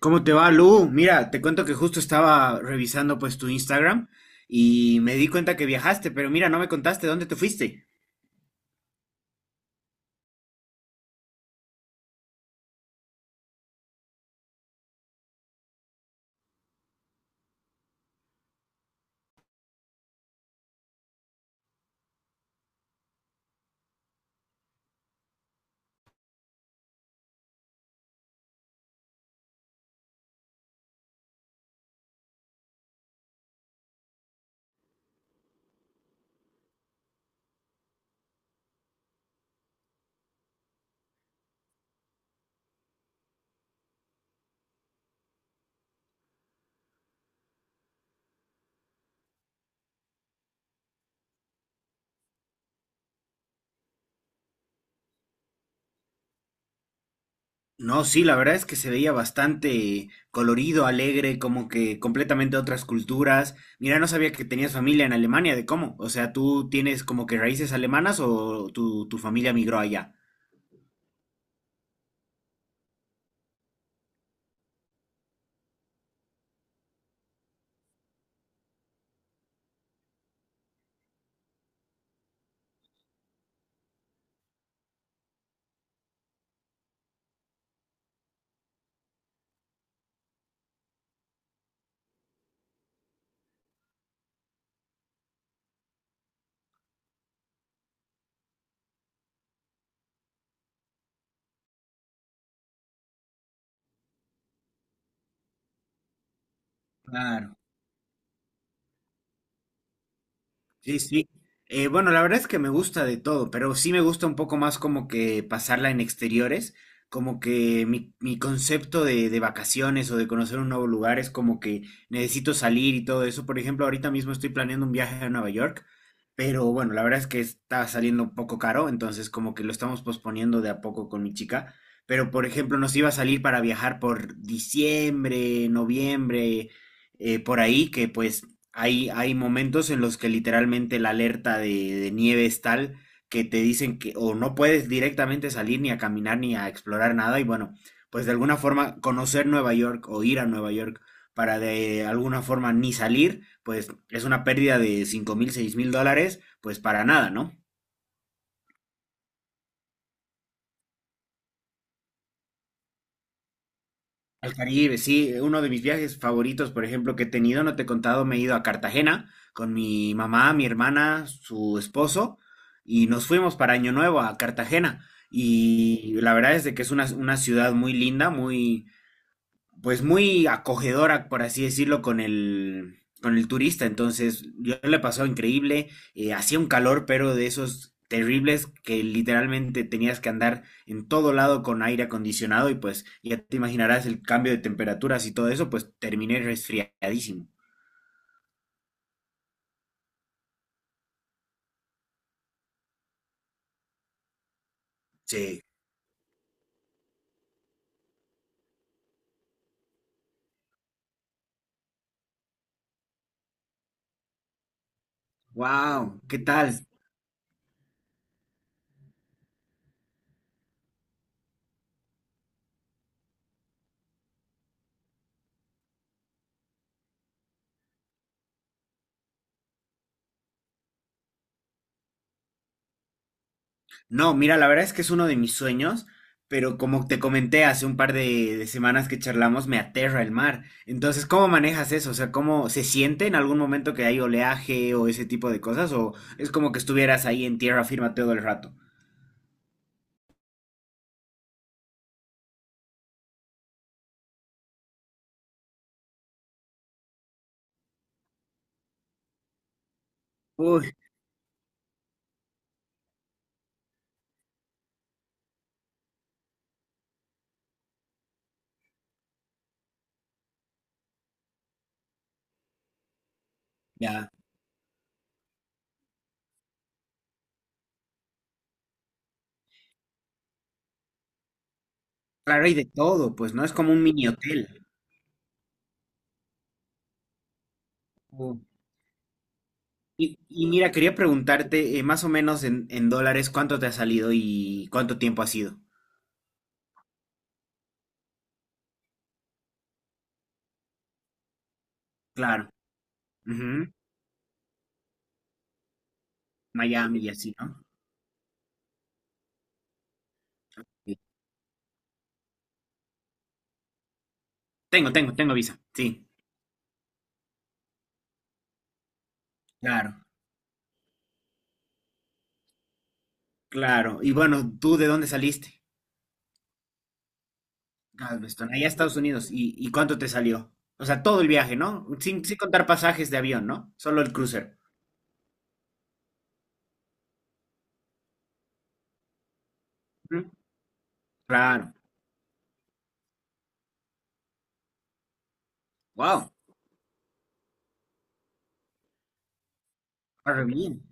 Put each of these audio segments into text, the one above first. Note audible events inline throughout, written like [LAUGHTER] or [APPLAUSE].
¿Cómo te va, Lu? Mira, te cuento que justo estaba revisando pues tu Instagram y me di cuenta que viajaste, pero mira, no me contaste dónde te fuiste. No, sí, la verdad es que se veía bastante colorido, alegre, como que completamente otras culturas. Mira, no sabía que tenías familia en Alemania, ¿de cómo? O sea, ¿tú tienes como que raíces alemanas o tu familia migró allá? Claro. Sí, sí. Bueno, la verdad es que me gusta de todo, pero sí me gusta un poco más como que pasarla en exteriores, como que mi concepto de vacaciones o de conocer un nuevo lugar es como que necesito salir y todo eso. Por ejemplo, ahorita mismo estoy planeando un viaje a Nueva York, pero bueno, la verdad es que está saliendo un poco caro, entonces como que lo estamos posponiendo de a poco con mi chica. Pero por ejemplo, nos iba a salir para viajar por diciembre, noviembre por ahí, que pues hay momentos en los que literalmente la alerta de nieve es tal que te dicen que o no puedes directamente salir ni a caminar ni a explorar nada y bueno, pues de alguna forma conocer Nueva York o ir a Nueva York para de alguna forma ni salir, pues es una pérdida de $5,000, $6,000, pues para nada, ¿no? Al Caribe, sí, uno de mis viajes favoritos, por ejemplo, que he tenido, no te he contado, me he ido a Cartagena con mi mamá, mi hermana, su esposo, y nos fuimos para Año Nuevo a Cartagena. Y la verdad es de que es una ciudad muy linda, muy, pues muy acogedora, por así decirlo, con el turista. Entonces, yo le pasó increíble. Hacía un calor, pero de esos terribles que literalmente tenías que andar en todo lado con aire acondicionado y pues ya te imaginarás el cambio de temperaturas y todo eso, pues terminé resfriadísimo. Sí. Wow, ¿qué tal? No, mira, la verdad es que es uno de mis sueños, pero como te comenté hace un par de semanas que charlamos, me aterra el mar. Entonces, ¿cómo manejas eso? O sea, ¿cómo se siente en algún momento que hay oleaje o ese tipo de cosas? ¿O es como que estuvieras ahí en tierra firme todo el rato? Uy, ya. Claro, hay de todo, pues, ¿no? Es como un mini hotel. Uh, Y, y mira, quería preguntarte, más o menos en dólares, ¿cuánto te ha salido y cuánto tiempo ha sido? Claro. Ujú, Miami y así, ¿no? Sí. Tengo, tengo, tengo visa. Sí. Claro, claro. Y bueno, ¿tú de dónde saliste? Galveston, allá a Estados Unidos. Y cuánto te salió? O sea, todo el viaje, ¿no? Sin, sin contar pasajes de avión, ¿no? Solo el crucero. Ujú, claro. Wow. Ahora bien.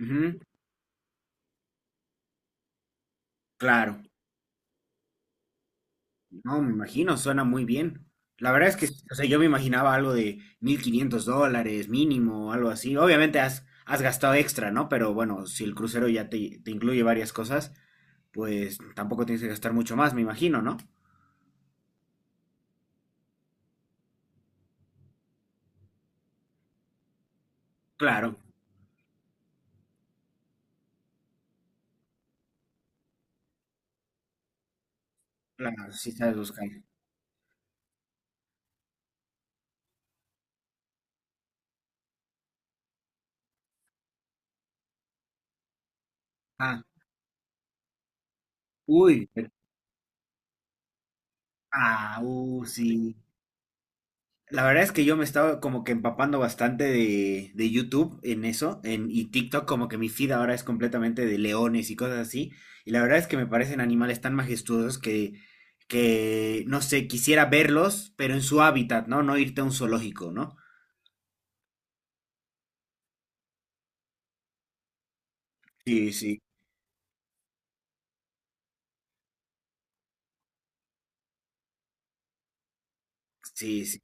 Ujú, claro. No, me imagino, suena muy bien. La verdad es que, o sea, yo me imaginaba algo de $1,500 mínimo, algo así. Obviamente has, has gastado extra, ¿no? Pero bueno, si el crucero ya te incluye varias cosas, pues tampoco tienes que gastar mucho más, me imagino, ¿no? Claro, claro, sí sabes buscar. Ah, uy, pero ah, sí. La verdad es que yo me estaba como que empapando bastante de YouTube en eso, en, y TikTok, como que mi feed ahora es completamente de leones y cosas así. Y la verdad es que me parecen animales tan majestuosos que, no sé, quisiera verlos, pero en su hábitat, ¿no? No irte a un zoológico, ¿no? Sí, sí, sí, sí.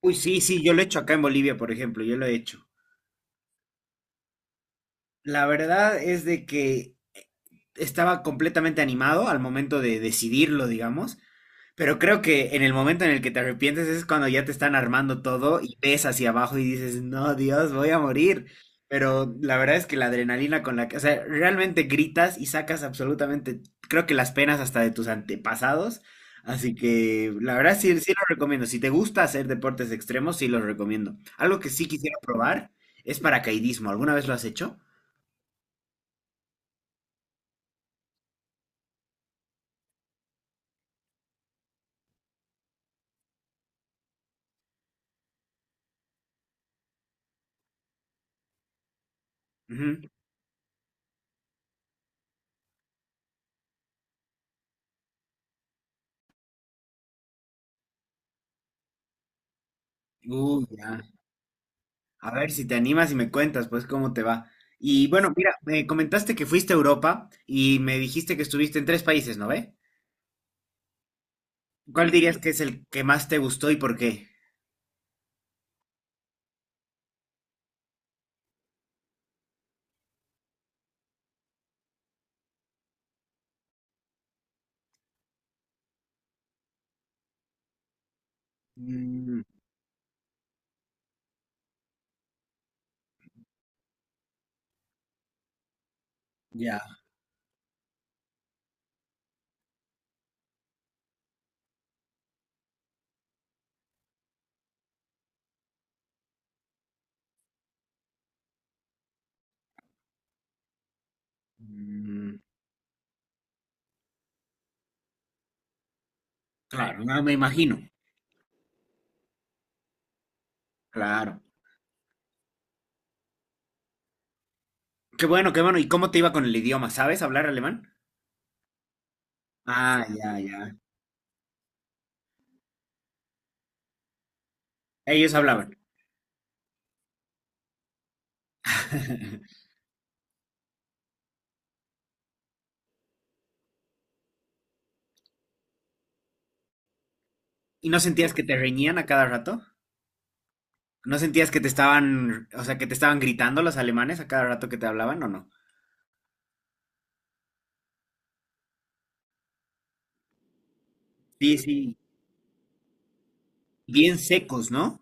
Uy, sí, sí, yo lo he hecho acá en Bolivia, por ejemplo, yo lo he hecho. La verdad es de que estaba completamente animado al momento de decidirlo, digamos. Pero creo que en el momento en el que te arrepientes es cuando ya te están armando todo y ves hacia abajo y dices, no, Dios, voy a morir. Pero la verdad es que la adrenalina con la que, o sea, realmente gritas y sacas absolutamente, creo que las penas hasta de tus antepasados. Así que la verdad sí, sí lo recomiendo. Si te gusta hacer deportes extremos, sí los recomiendo. Algo que sí quisiera probar es paracaidismo. ¿Alguna vez lo has hecho? Ujú. Uy, ya. A ver si te animas y me cuentas, pues, cómo te va. Y bueno, mira, me comentaste que fuiste a Europa y me dijiste que estuviste en tres países, ¿no ve? ¿Cuál dirías que es el que más te gustó y por qué? Mm, ya. Mm, claro, no me imagino. Claro. Qué bueno, qué bueno. ¿Y cómo te iba con el idioma? ¿Sabes hablar alemán? Ah, ya, ya. Ellos hablaban. [LAUGHS] ¿Y no sentías que te reñían a cada rato? ¿No sentías que te estaban, o sea, que te estaban gritando los alemanes a cada rato que te hablaban o no? Sí, sí, bien secos, ¿no?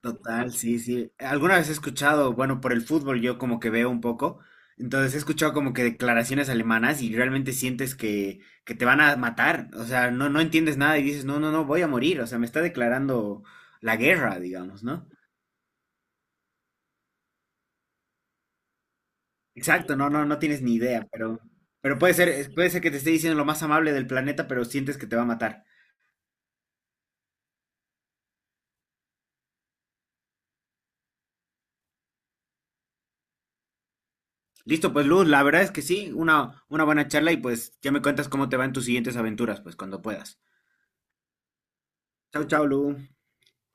Total, sí, sí. Alguna vez he escuchado, bueno, por el fútbol yo como que veo un poco, entonces he escuchado como que declaraciones alemanas y realmente sientes que te van a matar, o sea, no, no entiendes nada y dices, no, no, no, voy a morir, o sea, me está declarando la guerra, digamos, ¿no? Exacto, no, no, no tienes ni idea, pero puede ser, puede ser que te esté diciendo lo más amable del planeta, pero sientes que te va a matar. Listo, pues Luz, la verdad es que sí, una buena charla y pues ya me cuentas cómo te va en tus siguientes aventuras, pues cuando puedas. Chau, chau, Lu.